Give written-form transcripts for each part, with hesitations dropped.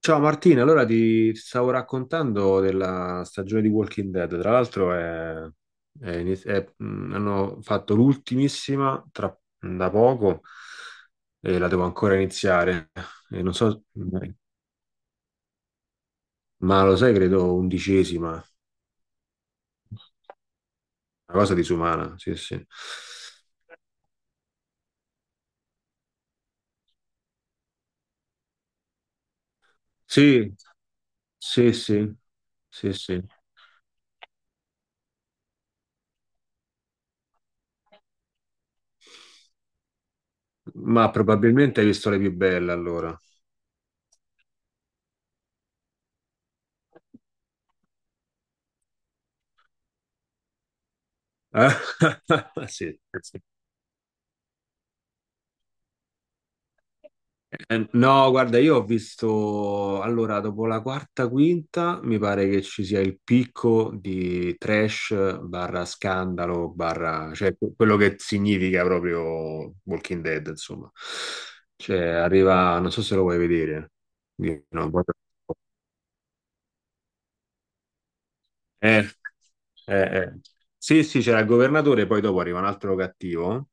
Ciao Martina, allora ti stavo raccontando della stagione di Walking Dead, tra l'altro hanno fatto l'ultimissima da poco e la devo ancora iniziare. E non so, ma lo sai, credo undicesima, una cosa disumana, sì sì. Sì, sì, sì, sì, sì, ma probabilmente hai visto le più belle allora. Sì, sì. No, guarda, io ho visto, allora, dopo la quarta, quinta, mi pare che ci sia il picco di trash barra scandalo barra, cioè quello che significa proprio Walking Dead, insomma. Cioè, arriva, non so se lo vuoi vedere. Io non voglio- Eh, eh. Sì, sì, c'era il governatore, poi dopo arriva un altro cattivo.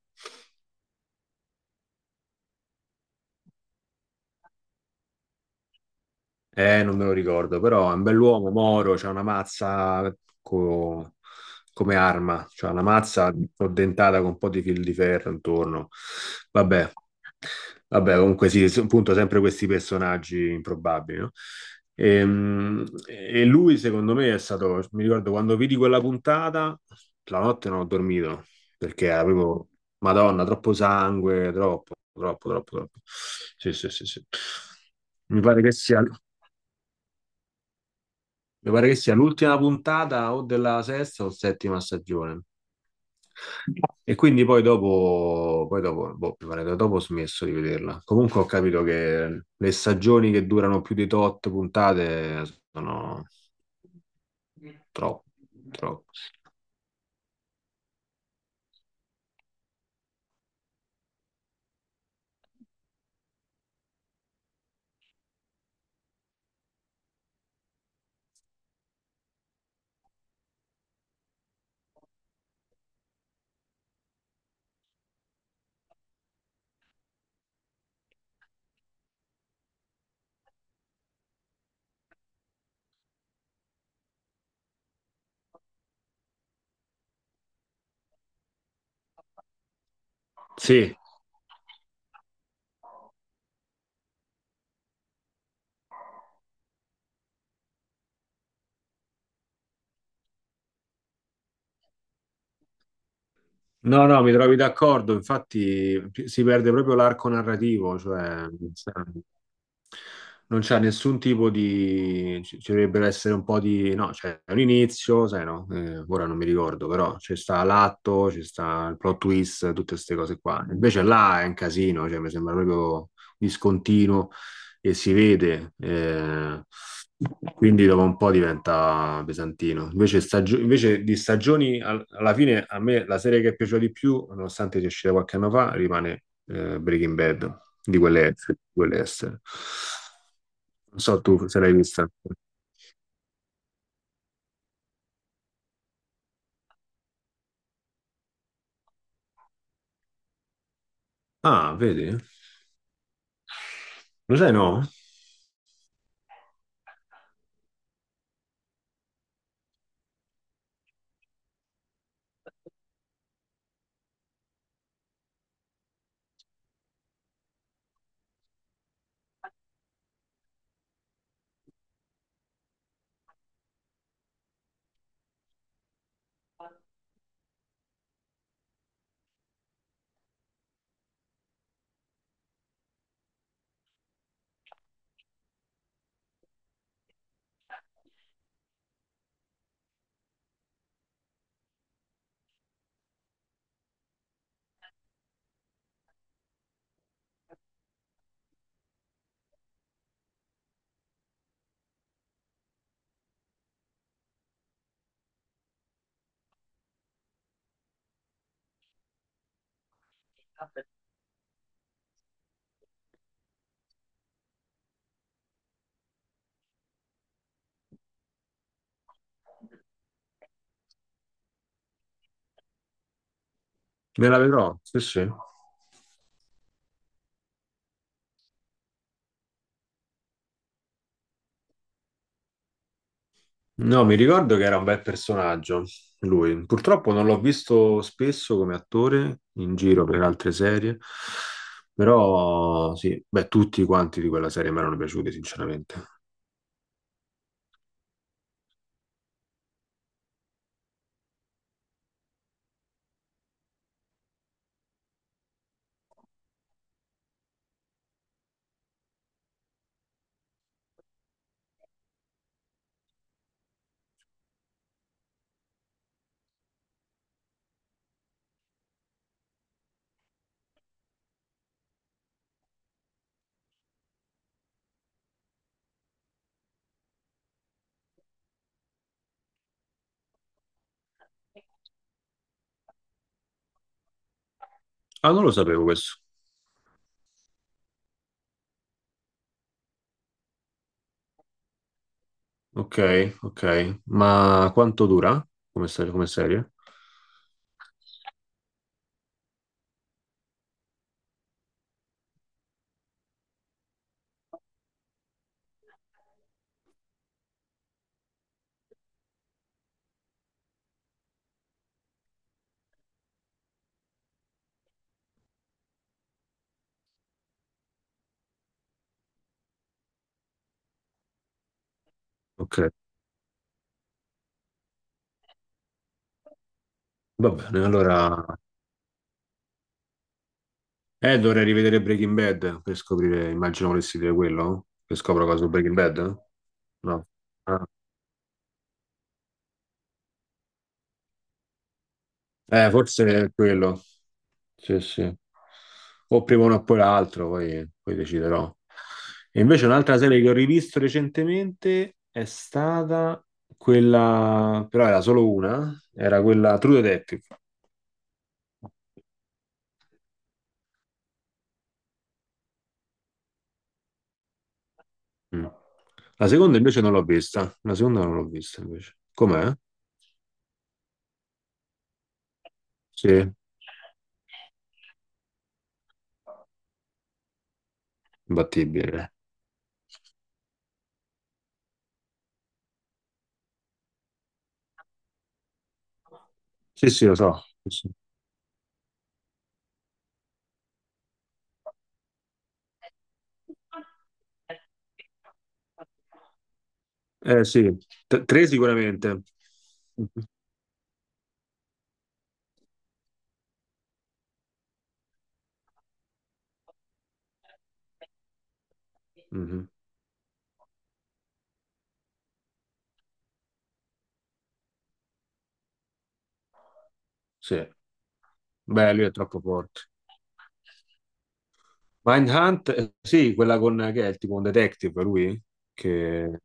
Non me lo ricordo, però è un bell'uomo, Moro, c'ha una mazza co- come arma, c'ha una mazza addentata con un po' di fil di ferro intorno. Vabbè, vabbè, comunque sì, appunto sempre questi personaggi improbabili, no? E, lui secondo me è stato, mi ricordo quando vidi quella puntata, la notte non ho dormito, perché avevo, Madonna, troppo sangue, troppo, troppo, troppo, troppo. Sì, sì, sì, sì. Mi pare che sia... Mi pare che sia l'ultima puntata o della sesta o settima stagione. E quindi poi dopo, boh, mi pare che dopo ho smesso di vederla. Comunque ho capito che le stagioni che durano più di tot puntate sono troppo, troppo. Sì, no, no, mi trovi d'accordo, infatti si perde proprio l'arco narrativo, cioè non c'è nessun tipo di... ci dovrebbero essere un po' di... no, c'è un inizio, sai no, ora non mi ricordo, però c'è sta l'atto, c'è sta il plot twist, tutte queste cose qua. Invece là è un casino, cioè mi sembra proprio discontinuo e si vede, quindi dopo un po' diventa pesantino. Invece, invece di stagioni, alla fine a me la serie che è piaciuta di più, nonostante sia uscita qualche anno fa, rimane Breaking Bad, di quelle estere. Non so tu se l'hai vista. Ah, vedi? Lo sai, no? Me la vedrò, sì, sì. No, mi ricordo che era un bel personaggio, lui. Purtroppo non l'ho visto spesso come attore in giro per altre serie, però sì, beh, tutti quanti di quella serie mi erano piaciuti, sinceramente. Ah, non lo sapevo questo. Ok, ok. Ma quanto dura come serie? Come serie? Ok, va bene, allora... dovrei rivedere Breaking Bad per scoprire, immagino volessi dire quello, che scopro cosa su Breaking Bad? No. Ah. Forse è quello. Sì, sì. O prima uno o poi l'altro, poi deciderò. E invece un'altra serie che ho rivisto recentemente è stata quella, però era solo una, era quella True Detective. Mm. La seconda non l'ho vista invece. Com'è? Sì, imbattibile. Sì, sì, lo so. Sì, sì. Eh sì, tre sicuramente. Mhm. Mhm. Sì, beh, lui è troppo forte. Sì, quella con che è il tipo un detective, lui? Che...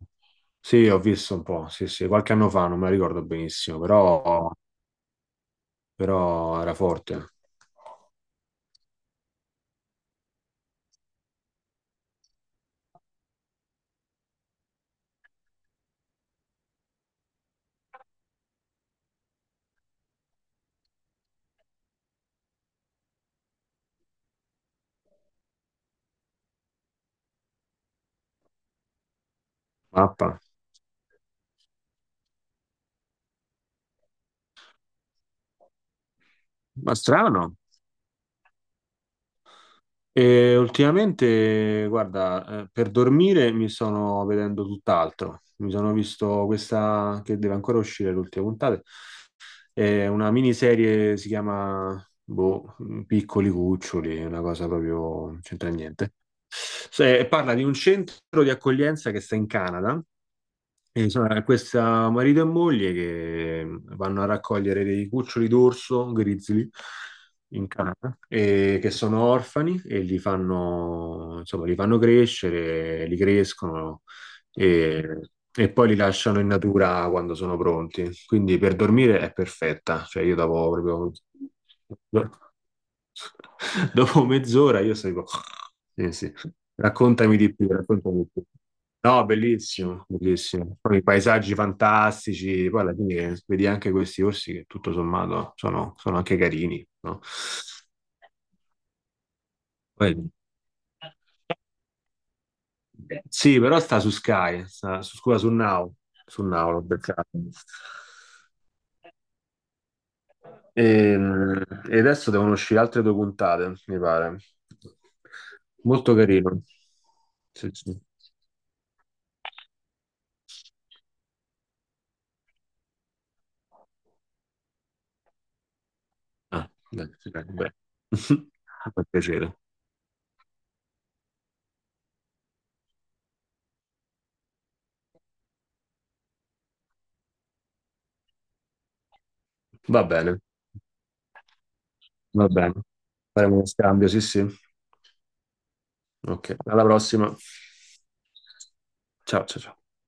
Sì, ho visto un po', sì, sì, qualche anno fa, non me la ricordo benissimo, però, però era forte. Mappa. Ma strano. E ultimamente, guarda, per dormire mi sono vedendo tutt'altro. Mi sono visto questa che deve ancora uscire l'ultima puntata. È una miniserie, si chiama boh, Piccoli Cuccioli, una cosa proprio, non c'entra niente. Parla di un centro di accoglienza che sta in Canada e, insomma, questa marito e moglie che vanno a raccogliere dei cuccioli d'orso grizzly in Canada e che sono orfani e li fanno, insomma, li fanno crescere, li crescono e, e poi li lasciano in natura quando sono pronti. Quindi per dormire è perfetta, cioè io davo proprio... Dopo mezz'ora io seguo. Sì, sì. Raccontami di più, raccontami di più. No, bellissimo, bellissimo. Poi i paesaggi fantastici, poi alla fine vedi anche questi orsi che tutto sommato sono, sono anche carini, no? Poi- sì, però sta su Sky, sta su, scusa, su Now l'ho beccato. E, e adesso devono uscire altre due puntate, mi pare. Molto carino. Sì, sì. Ah, beh, beh, beh. Fa piacere. Va bene, va bene. Faremo uno scambio, sì, sì. Ok, alla prossima. Ciao, ciao, ciao.